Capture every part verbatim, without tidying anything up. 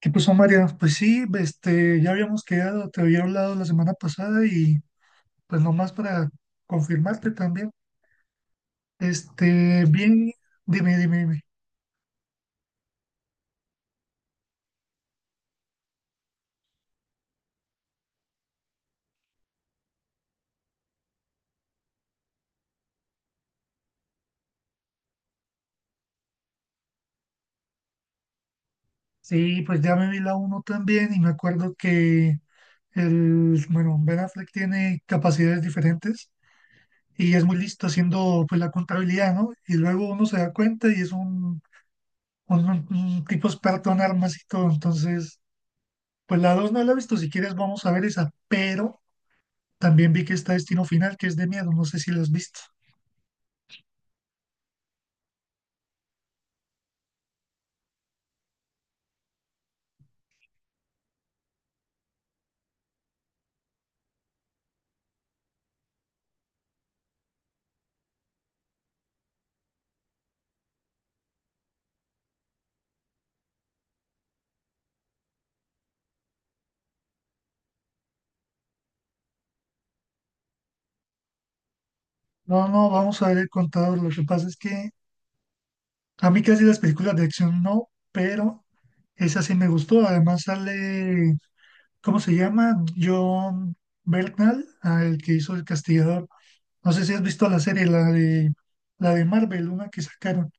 ¿Qué pasó, María? Pues sí, este, ya habíamos quedado, te había hablado la semana pasada y pues nomás para confirmarte también. Este, bien, dime, dime, dime. Sí, pues ya me vi la uno también y me acuerdo que el, bueno, Ben Affleck tiene capacidades diferentes y es muy listo haciendo pues la contabilidad, ¿no? Y luego uno se da cuenta y es un, un, un tipo experto en armas y todo. Entonces, pues la dos no la he visto, si quieres vamos a ver esa, pero... También vi que está Destino Final, que es de miedo, no sé si lo has visto. No, no, vamos a ver el contador. Lo que pasa es que a mí casi las películas de acción no, pero esa sí me gustó. Además sale, ¿cómo se llama? John Bernthal, ah, el que hizo El Castigador. No sé si has visto la serie, la de, la de Marvel, una que sacaron.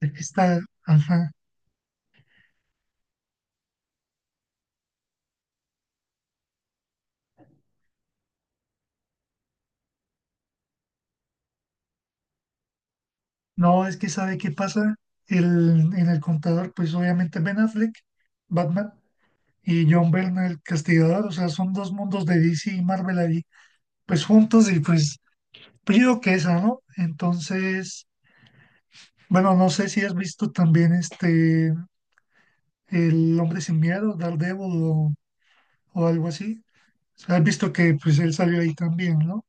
Está, ajá. No, es que sabe qué pasa. El, en el contador, pues obviamente Ben Affleck, Batman, y John Byrne, el castigador, o sea, son dos mundos de D C y Marvel ahí, pues juntos y pues pido que esa, ¿no? Entonces, bueno, no sé si has visto también este, El Hombre Sin Miedo, Daredevil o, o algo así. O sea, has visto que pues él salió ahí también, ¿no?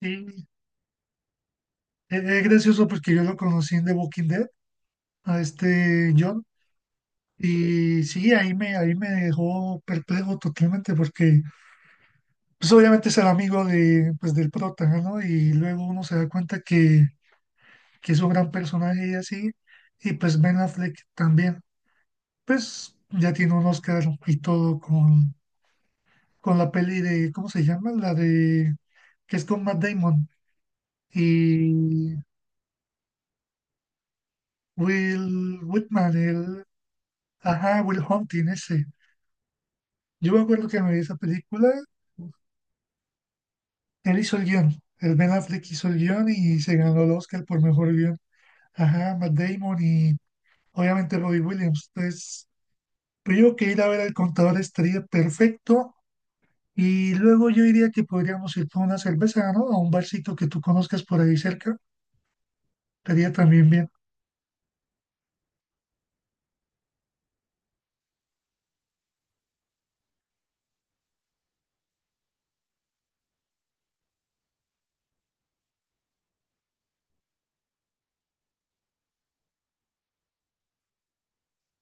Y es, es gracioso porque yo lo conocí en The Walking Dead, a este John, y sí, ahí me, ahí me dejó perplejo totalmente porque pues obviamente es el amigo de, pues, del prota, ¿no? Y luego uno se da cuenta que, que es un gran personaje y así, y pues Ben Affleck también, pues ya tiene un Oscar y todo con, con la peli de, ¿cómo se llama? La de, que es con Matt Damon y Will Whitman, el, ajá, Will Hunting ese. Yo me acuerdo que me vi esa película, él hizo el guión, el Ben Affleck hizo el guión y se ganó el Oscar por mejor guión. Ajá, Matt Damon y obviamente Robbie Williams. Entonces, pero yo creo que ir a ver al contador estaría perfecto. Y luego yo diría que podríamos ir por una cerveza, ¿no? A un barcito que tú conozcas por ahí cerca. Estaría también bien.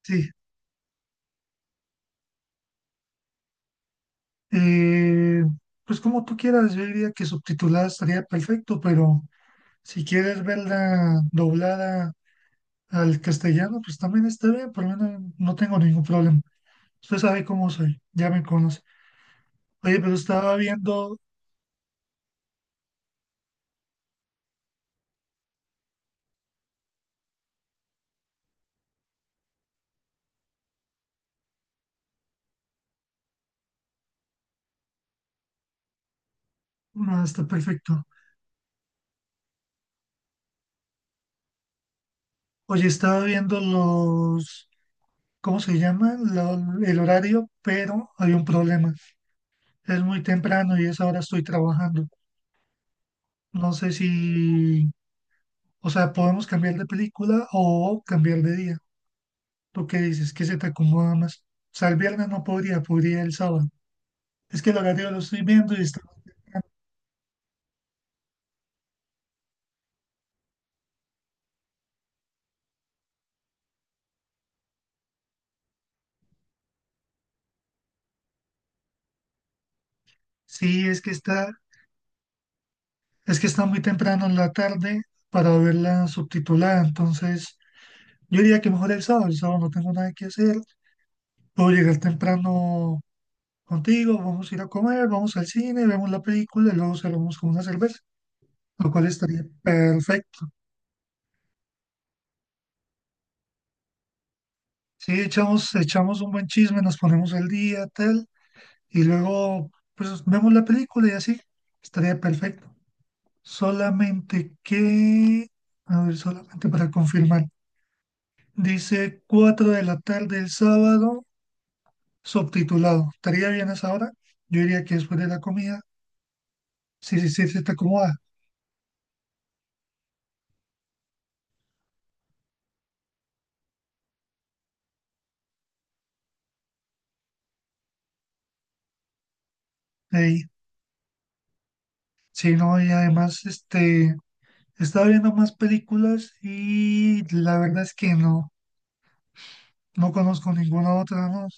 Sí. Eh, pues como tú quieras, yo diría que subtitulada estaría perfecto, pero si quieres verla doblada al castellano, pues también está bien. Por lo menos no tengo ningún problema. Usted sabe cómo soy, ya me conoce. Oye, pero estaba viendo, no, está perfecto. Oye, estaba viendo los, ¿cómo se llama? Lo- el horario, pero hay un problema. Es muy temprano y a esa hora estoy trabajando. No sé si, o sea, podemos cambiar de película o cambiar de día. ¿Tú qué dices? ¿Qué se te acomoda más? O sea, el viernes no podría, podría el sábado. Es que el horario lo estoy viendo y está. Sí, es que está, es que está muy temprano en la tarde para verla subtitulada. Entonces, yo diría que mejor el sábado. El sábado no tengo nada que hacer. Puedo llegar temprano contigo, vamos a ir a comer, vamos al cine, vemos la película y luego cerramos con una cerveza, lo cual estaría perfecto. Sí, echamos, echamos un buen chisme, nos ponemos al día, tal, y luego pues vemos la película y así, estaría perfecto. Solamente que, a ver, solamente para confirmar, dice cuatro de la tarde el sábado, subtitulado. ¿Estaría bien a esa hora? Yo diría que después de la comida, sí, sí, sí, se te acomoda. Ahí. Sí, no, y además, este... Estaba viendo más películas y la verdad es que no, no conozco ninguna otra, ¿no?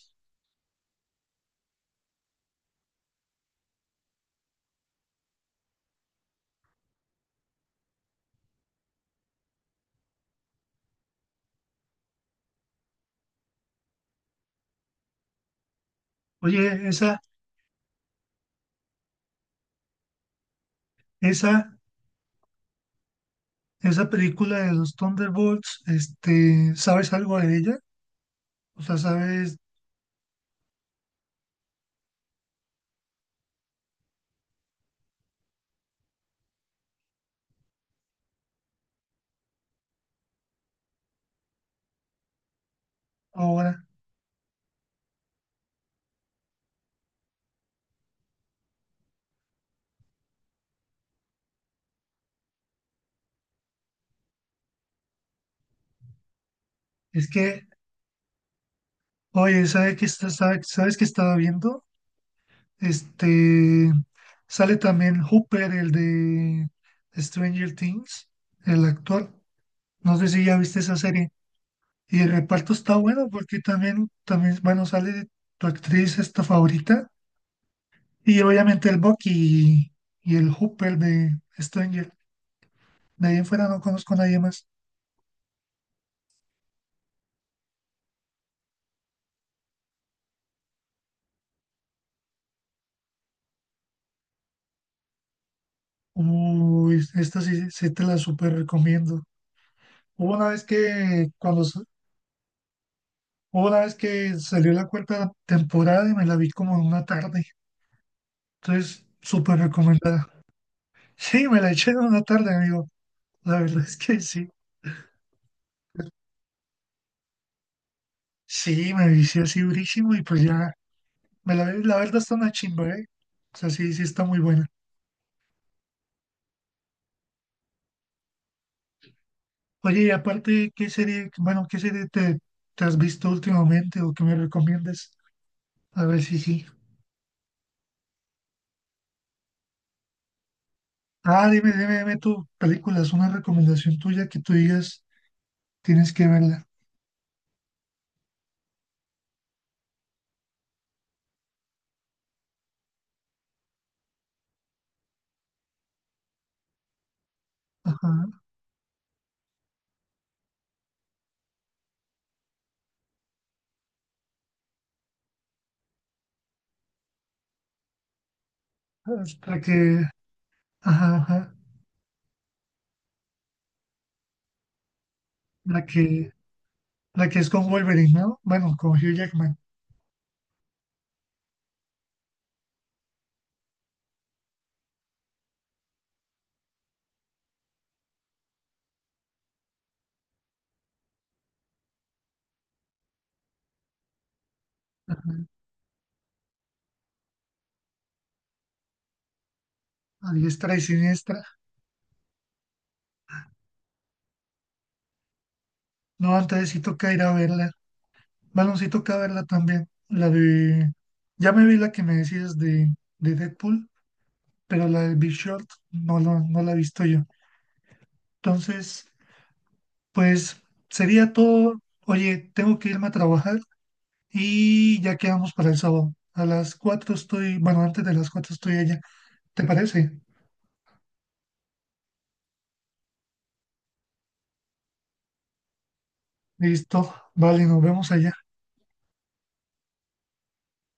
Oye, esa, esa, esa película de los Thunderbolts, este, ¿sabes algo de ella? O sea, ¿sabes ahora? Es que, oye, ¿sabes que está, sabe- sabes que estaba viendo? Este, sale también Hooper, el de Stranger Things, el actor. No sé si ya viste esa serie. Y el reparto está bueno porque también, también, bueno, sale tu actriz esta favorita y obviamente el Bucky y, y el Hooper de Stranger. De ahí en fuera no conozco a nadie más. Uy, esta sí, sí te la súper recomiendo. Hubo una vez que cuando sa- Hubo una vez que salió la cuarta temporada y me la vi como en una tarde. Entonces, súper recomendada. Sí, me la eché en una tarde, amigo. La verdad es que sí. Sí, me vicié así durísimo y pues ya. Me la, la verdad está una chimba, ¿eh? O sea, sí, sí está muy buena. Oye, y aparte, ¿qué serie, bueno, qué serie te, te has visto últimamente o que me recomiendes? A ver si sí. Ah, dime, dime, dime tú, películas, una recomendación tuya que tú digas, tienes que verla. Ajá. Es la que, ajá, ajá. La que, la que es con Wolverine, ¿no? Bueno, con Hugh Jackman. Ajá. A diestra y siniestra. No, entonces sí toca ir a verla. Baloncito toca verla también. La de. Ya me vi la que me decías de, de Deadpool, pero la de Big Short no, la- no la he visto yo. Entonces, pues sería todo. Oye, tengo que irme a trabajar y ya quedamos para el sábado. A las cuatro estoy. Bueno, antes de las cuatro estoy allá. ¿Te parece? Listo. Vale, nos vemos allá.